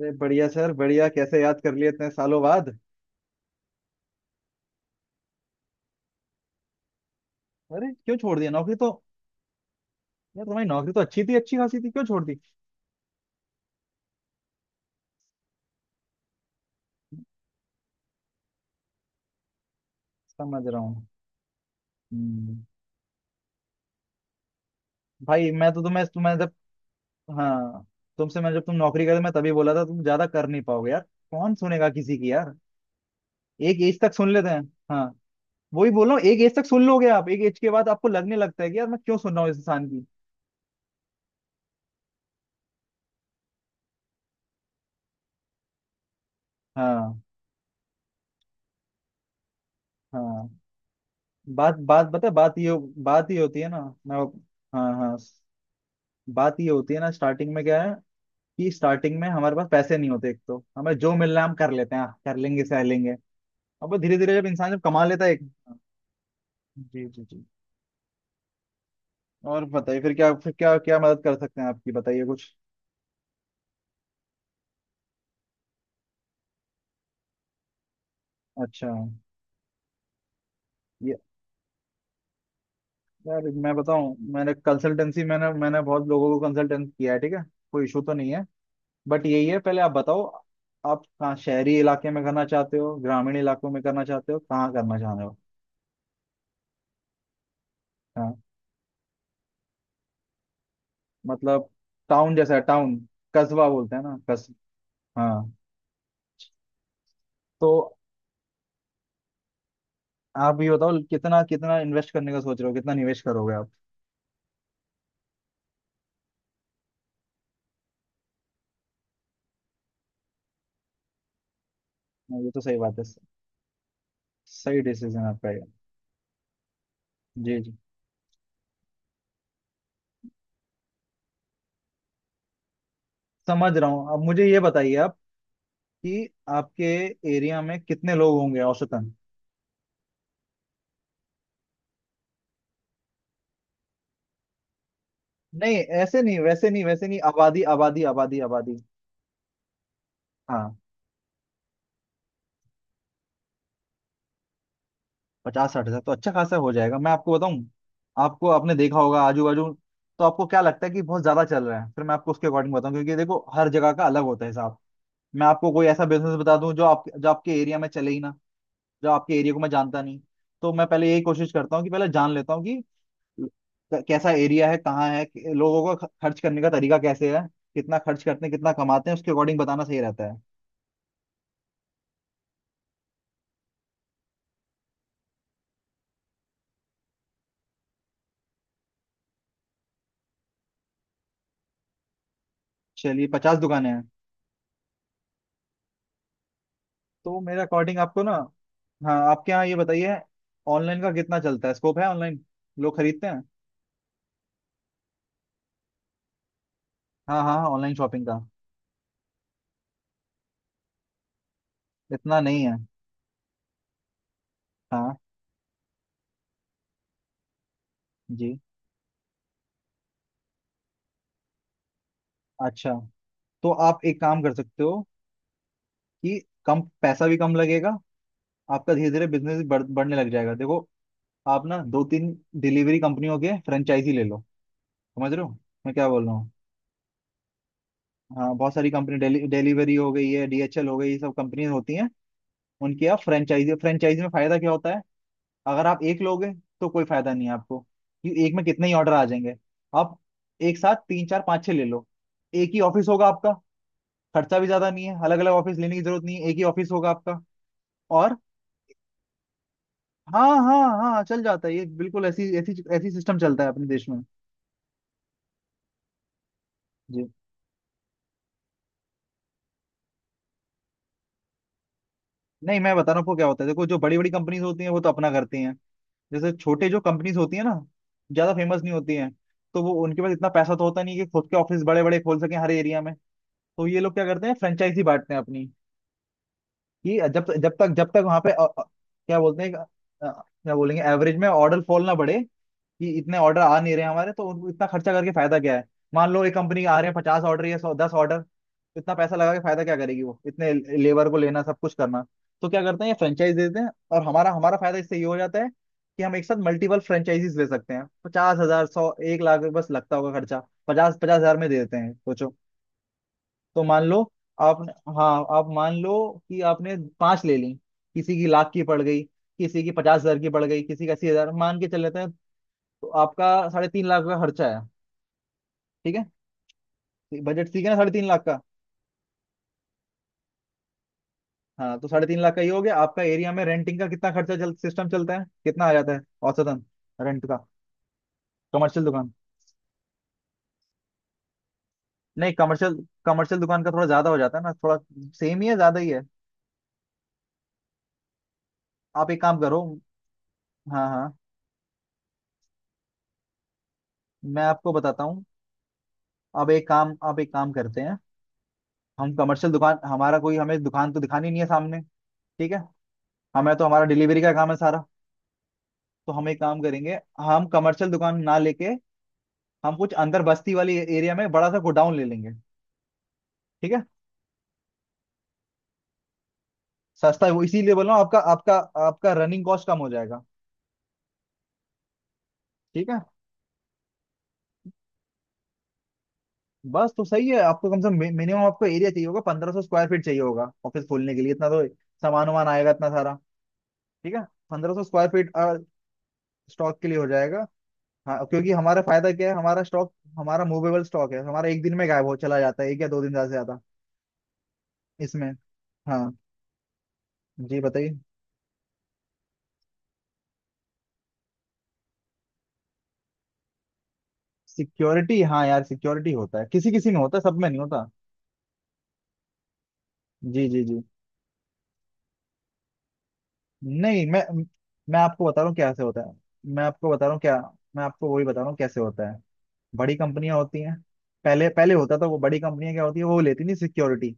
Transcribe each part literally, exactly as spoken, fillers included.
अरे बढ़िया सर बढ़िया। कैसे याद कर लिए इतने सालों बाद। अरे क्यों छोड़ दिया नौकरी तो। यार तुम्हारी नौकरी तो अच्छी थी, अच्छी खासी थी, क्यों छोड़ दी। समझ रहा हूँ। हम्म। भाई मैं तो तुम्हें तुम्हें जब हाँ, तुमसे मैं जब तुम नौकरी करे मैं तभी बोला था तुम ज्यादा कर नहीं पाओगे यार। कौन सुनेगा किसी की यार। एक एज तक सुन लेते हैं। हाँ, वही बोल रहा हूँ, एक एज तक सुन लोगे आप, एक एज के बाद आपको लगने लगता है कि यार मैं क्यों सुन रहा हूँ इस इंसान की। हाँ हाँ। बात बात बता बात ये बात ये होती है ना। मैं, हाँ हाँ, बात ये होती है ना, स्टार्टिंग में क्या है कि स्टार्टिंग में हमारे पास पैसे नहीं होते, एक तो हमें जो मिलना है हम कर लेते हैं, हाँ, कर लेंगे सह लेंगे। अब वो धीरे धीरे जब इंसान जब कमा लेता है एक, जी जी जी, और बताइए फिर क्या, फिर क्या क्या मदद कर सकते हैं आपकी, बताइए कुछ। अच्छा ये, यार मैं बताऊं, मैंने कंसल्टेंसी, मैंने मैंने बहुत लोगों को कंसल्टेंट किया है, ठीक है। कोई इशू तो नहीं है, बट यही है, पहले आप बताओ आप कहाँ, शहरी इलाके में करना चाहते हो, ग्रामीण इलाकों में करना चाहते हो, कहाँ करना चाह रहे हो। हाँ मतलब टाउन जैसा टाउन, कस्बा बोलते हैं ना, कस हाँ तो आप ये बताओ कितना कितना इन्वेस्ट करने का सोच रहे हो, कितना निवेश करोगे आप। हाँ, ये तो सही बात है। सही डिसीजन आपका ये। जी जी, समझ रहा हूँ। अब मुझे ये बताइए आप, कि आपके एरिया में कितने लोग होंगे औसतन। नहीं ऐसे नहीं, वैसे नहीं वैसे नहीं, आबादी आबादी आबादी आबादी। हाँ, पचास साठ हज़ार तो अच्छा खासा हो जाएगा, मैं आपको बताऊं। आपको, आपने देखा होगा आजू बाजू, तो आपको क्या लगता है कि बहुत ज्यादा चल रहा है, फिर मैं आपको उसके अकॉर्डिंग बताऊं, क्योंकि देखो हर जगह का अलग होता है हिसाब। मैं आपको कोई ऐसा बिजनेस बता दूं जो आप, जो आपके एरिया में चले ही ना, जो आपके एरिया को मैं जानता नहीं। तो मैं पहले यही कोशिश करता हूँ कि पहले जान लेता हूँ कि क- कैसा एरिया है, कहाँ है, कि- लोगों का ख- खर्च करने का तरीका कैसे है, कितना खर्च करते हैं, कितना कमाते हैं, उसके अकॉर्डिंग बताना सही रहता है। चलिए पचास दुकानें हैं तो मेरे अकॉर्डिंग आपको ना, हाँ आपके यहाँ ये बताइए, ऑनलाइन का कितना चलता है, स्कोप है ऑनलाइन, लोग खरीदते हैं। हाँ हाँ, ऑनलाइन शॉपिंग का, इतना नहीं है। हाँ जी। अच्छा तो आप एक काम कर सकते हो कि कम, पैसा भी कम लगेगा, आपका धीरे धीरे बिजनेस बढ़, बढ़ने लग जाएगा, देखो आप ना दो तीन डिलीवरी कंपनियों के फ्रेंचाइजी ले लो, समझ रहे हो मैं क्या बोल रहा हूँ। हाँ बहुत सारी कंपनी डिलीवरी हो गई है, डी एच एल हो गई, ये सब कंपनीज होती हैं, उनकी आप फ्रेंचाइजी, फ्रेंचाइजी में फायदा क्या होता है, अगर आप एक लोगे तो कोई फायदा नहीं है आपको, क्योंकि एक में कितने ही ऑर्डर आ जाएंगे। आप एक साथ तीन चार पाँच छः ले लो, एक ही ऑफिस होगा आपका, खर्चा भी ज्यादा नहीं है, अलग अलग ऑफिस लेने की जरूरत नहीं है, एक ही ऑफिस होगा आपका। और हाँ हाँ हाँ, चल जाता है ये बिल्कुल, ऐसी ऐसी ऐसी सिस्टम चलता है अपने देश में। जी, नहीं मैं बता रहा हूँ आपको क्या होता है, देखो जो बड़ी बड़ी कंपनीज होती हैं वो तो अपना करती हैं, जैसे छोटे जो कंपनीज होती है ना, ज्यादा फेमस नहीं होती हैं, तो वो, उनके पास इतना पैसा तो होता नहीं कि खुद के ऑफिस बड़े बड़े खोल सके हर एरिया में। तो ये लोग क्या करते हैं, फ्रेंचाइजी बांटते हैं अपनी। ये जब जब तक जब तक वहां पे अ, अ, क्या बोलते हैं अ, क्या बोलेंगे एवरेज में ऑर्डर फॉल ना बढ़े, कि इतने ऑर्डर आ नहीं रहे हैं हमारे, तो उनको इतना खर्चा करके फायदा क्या है। मान लो एक कंपनी के आ रहे हैं पचास ऑर्डर, या सौ दस ऑर्डर, तो इतना पैसा लगा के फायदा क्या करेगी वो, इतने लेबर को लेना, सब कुछ करना। तो क्या करते हैं ये फ्रेंचाइज देते हैं, और हमारा हमारा फायदा इससे ये हो जाता है कि हम एक साथ मल्टीपल फ्रेंचाइजीज ले सकते हैं, पचास हज़ार, सौ, एक लाख बस लगता होगा खर्चा, पचास पचास हज़ार में दे देते हैं, सोचो। तो मान लो आपने, हाँ आप मान लो कि आपने पांच ले ली, किसी की लाख की पड़ गई, किसी की पचास हज़ार की पड़ गई, किसी की अस्सी हज़ार मान के चल लेते हैं, तो आपका साढ़े तीन लाख का खर्चा है, ठीक है। बजट ठीक है ना साढ़े तीन लाख का। हाँ तो साढ़े तीन लाख का ये हो गया आपका, एरिया में रेंटिंग का कितना खर्चा चल, सिस्टम चलता है, कितना आ जाता है औसतन रेंट का, कमर्शियल दुकान। नहीं कमर्शियल, कमर्शियल दुकान का थोड़ा ज्यादा हो जाता है ना थोड़ा, सेम ही है, ज्यादा ही है। आप एक काम करो, हाँ हाँ, मैं आपको बताता हूँ अब, एक काम आप एक काम करते हैं, हम कमर्शियल दुकान, हमारा कोई, हमें दुकान तो दिखानी नहीं है सामने, ठीक है, हमें तो हमारा डिलीवरी का काम है सारा, तो हम एक काम करेंगे, हम कमर्शियल दुकान ना लेके, हम कुछ अंदर बस्ती वाली एरिया में बड़ा सा गोडाउन ले लेंगे, ठीक है, सस्ता है वो, इसीलिए बोल रहा हूँ, आपका आपका आपका रनिंग कॉस्ट कम हो जाएगा, ठीक है। बस तो सही है, आपको कम से कम मिनिमम आपको एरिया चाहिए होगा पंद्रह सौ स्क्वायर फीट चाहिए होगा ऑफिस खोलने के लिए, इतना तो सामान वामान आएगा इतना सारा, ठीक है, पंद्रह सौ स्क्वायर फीट स्टॉक के लिए हो जाएगा। हाँ क्योंकि हमारा फायदा क्या है, हमारा स्टॉक, हमारा मूवेबल स्टॉक है, हमारा एक दिन में गायब हो चला जाता है, एक या दो दिन ज्यादा से ज्यादा इसमें। हाँ जी बताइए। सिक्योरिटी, हाँ यार सिक्योरिटी होता है, किसी किसी में होता है, सब में नहीं होता। जी जी जी, नहीं मैं मैं आपको बता रहा हूँ कैसे होता है, मैं आपको बता रहा हूँ क्या, मैं आपको वही बता रहा हूँ कैसे होता है। बड़ी कंपनियां होती हैं, पहले पहले होता था, वो बड़ी कंपनियां क्या होती है वो लेती नहीं सिक्योरिटी।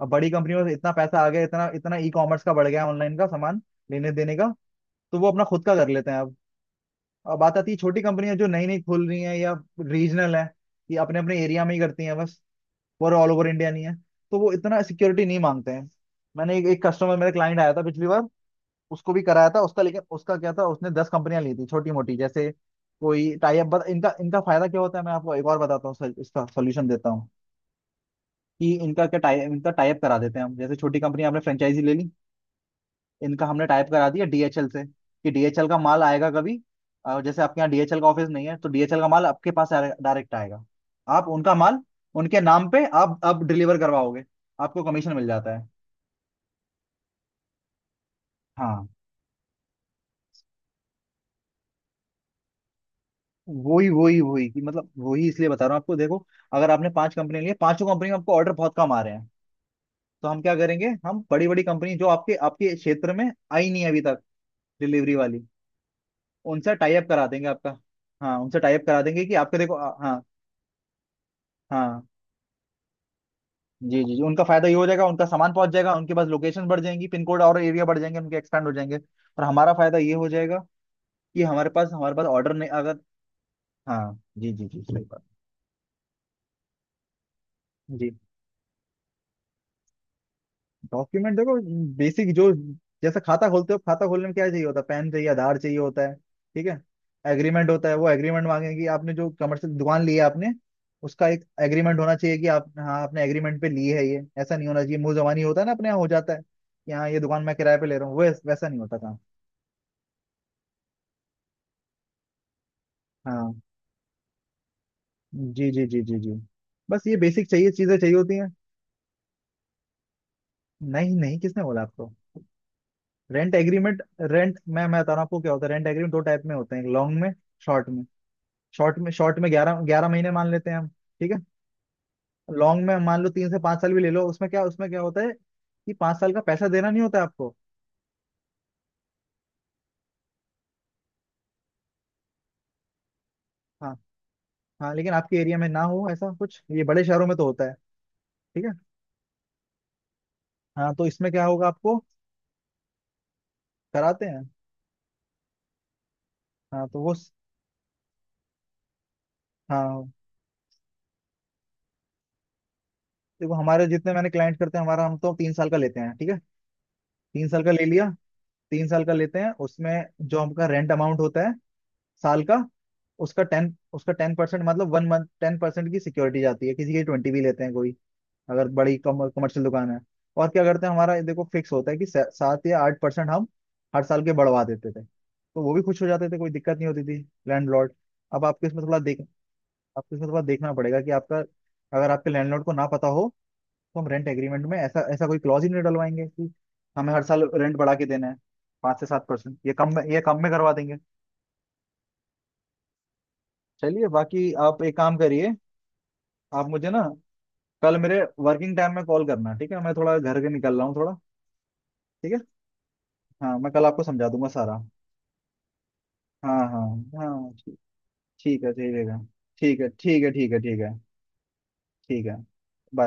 अब बड़ी कंपनियों में इतना पैसा आ गया, इतना, इतना ई कॉमर्स का बढ़ गया, ऑनलाइन का सामान लेने देने का, तो वो अपना खुद का कर लेते हैं अब। अब बात आती है छोटी कंपनियां जो नई नई खुल रही हैं, या रीजनल है, ये अपने अपने एरिया में ही करती हैं बस, और ऑल ओवर इंडिया नहीं है, तो वो इतना सिक्योरिटी नहीं मांगते हैं। मैंने एक, एक कस्टमर मेरा, क्लाइंट आया था पिछली बार, उसको भी कराया था उसका, लेकिन उसका क्या था उसने दस कंपनियां ली थी छोटी मोटी, जैसे कोई टाई अप, इनका इनका फायदा क्या होता है, मैं आपको एक और बताता हूँ, सल- इसका सोल्यूशन देता हूँ कि इनका क्या टाई इनका टाई अप करा देते हैं हम, जैसे छोटी कंपनी, आपने फ्रेंचाइजी ले ली, इनका हमने टाई अप करा दिया डी एच एल से कि डी एच एल का माल आएगा कभी, अ, जैसे आपके यहाँ डी एच एल का ऑफिस नहीं है, तो डी एच एल का माल आपके पास डायरेक्ट आएगा, आप उनका माल उनके नाम पे आप अब डिलीवर करवाओगे, आपको कमीशन मिल जाता है। हाँ वही वही वही, कि मतलब वही, इसलिए बता रहा हूँ आपको, देखो अगर आपने पांच कंपनी लिए, पांचों कंपनी में आपको ऑर्डर बहुत कम आ रहे हैं, तो हम क्या करेंगे, हम बड़ी बड़ी कंपनी जो आपके आपके क्षेत्र में आई नहीं है अभी तक, डिलीवरी वाली, उनसे टाई अप करा देंगे आपका। हाँ उनसे टाई अप करा देंगे कि आपके, देखो आ- हाँ हाँ, जी जी जी, उनका फायदा ये हो जाएगा, उनका सामान पहुंच जाएगा, उनके पास लोकेशन बढ़ जाएंगी, पिन कोड और एरिया बढ़ जाएंगे उनके, एक्सपैंड हो जाएंगे, और हमारा फायदा ये हो जाएगा कि हमारे पास हमारे पास ऑर्डर नहीं अगर। हाँ जी जी जी सही बात। जी डॉक्यूमेंट देखो, बेसिक जो, जैसे खाता खोलते हो, खाता खोलने में क्या चाहिए होता है, पैन चाहिए, आधार चाहिए होता है, ठीक है। एग्रीमेंट होता है, वो एग्रीमेंट मांगेंगे कि आपने जो कमर्शियल दुकान ली है आपने, उसका एक एग्रीमेंट होना चाहिए कि आप हाँ, आपने एग्रीमेंट पे ली है, ये ऐसा नहीं होना चाहिए मुंह जबानी होता है ना, अपने यहाँ हो जाता है कि हाँ ये दुकान मैं किराए पे ले रहा हूँ, वैस, वैसा नहीं होता काम। हाँ जी जी जी जी जी, बस ये बेसिक चाहिए, चीजें चाहिए होती हैं। नहीं नहीं, किसने बोला आपको, रेंट एग्रीमेंट, रेंट, मैं मैं बता रहा हूँ आपको क्या होता है, रेंट एग्रीमेंट दो टाइप में होते हैं, एक लॉन्ग में, शॉर्ट में, शॉर्ट में शॉर्ट में ग्यारह ग्यारह महीने मान लेते हैं हम, ठीक है। लॉन्ग में मान लो तीन से पाँच साल भी ले लो, उसमें क्या, उसमें क्या होता है कि पाँच साल का पैसा देना नहीं होता है आपको। हाँ हाँ, लेकिन आपके एरिया में ना हो ऐसा कुछ, ये बड़े शहरों में तो होता है, ठीक है। हाँ तो इसमें क्या होगा आपको, कराते हैं, हाँ तो वो, हाँ देखो हमारे जितने मैंने क्लाइंट करते हैं हमारा, हम तो तीन साल का लेते हैं, ठीक है, तीन साल का ले लिया, तीन साल का लेते हैं उसमें जो हमका रेंट अमाउंट होता है साल का, उसका टेन, उसका टेन परसेंट, मतलब वन मंथ, टेन परसेंट की सिक्योरिटी जाती है, किसी की ट्वेंटी भी लेते हैं कोई अगर बड़ी कमर्शियल दुकान है। और क्या करते हैं, हमारा ये देखो फिक्स होता है कि से- सात या आठ परसेंट हम हर साल के बढ़वा देते थे, तो वो भी खुश हो जाते थे, कोई दिक्कत नहीं होती थी, लैंडलॉर्ड। अब आपको इसमें थोड़ा देख, आपको इसमें थोड़ा देखना पड़ेगा कि आपका, अगर आपके लैंडलॉर्ड को ना पता हो, तो हम रेंट एग्रीमेंट में ऐसा ऐसा कोई क्लॉज ही नहीं डलवाएंगे कि हमें हर साल रेंट बढ़ा के देना है, पाँच से सात परसेंट, ये कम में, ये कम में करवा देंगे। चलिए बाकी आप एक काम करिए, आप मुझे ना कल मेरे वर्किंग टाइम में कॉल करना, ठीक है, मैं थोड़ा घर के निकल रहा हूँ थोड़ा, ठीक है। हाँ मैं कल आपको समझा दूंगा सारा। हाँ हाँ हाँ, ठीक, ठीक है ठीक है। ठीक है ठीक है ठीक है ठीक है। ठीक है। बाय।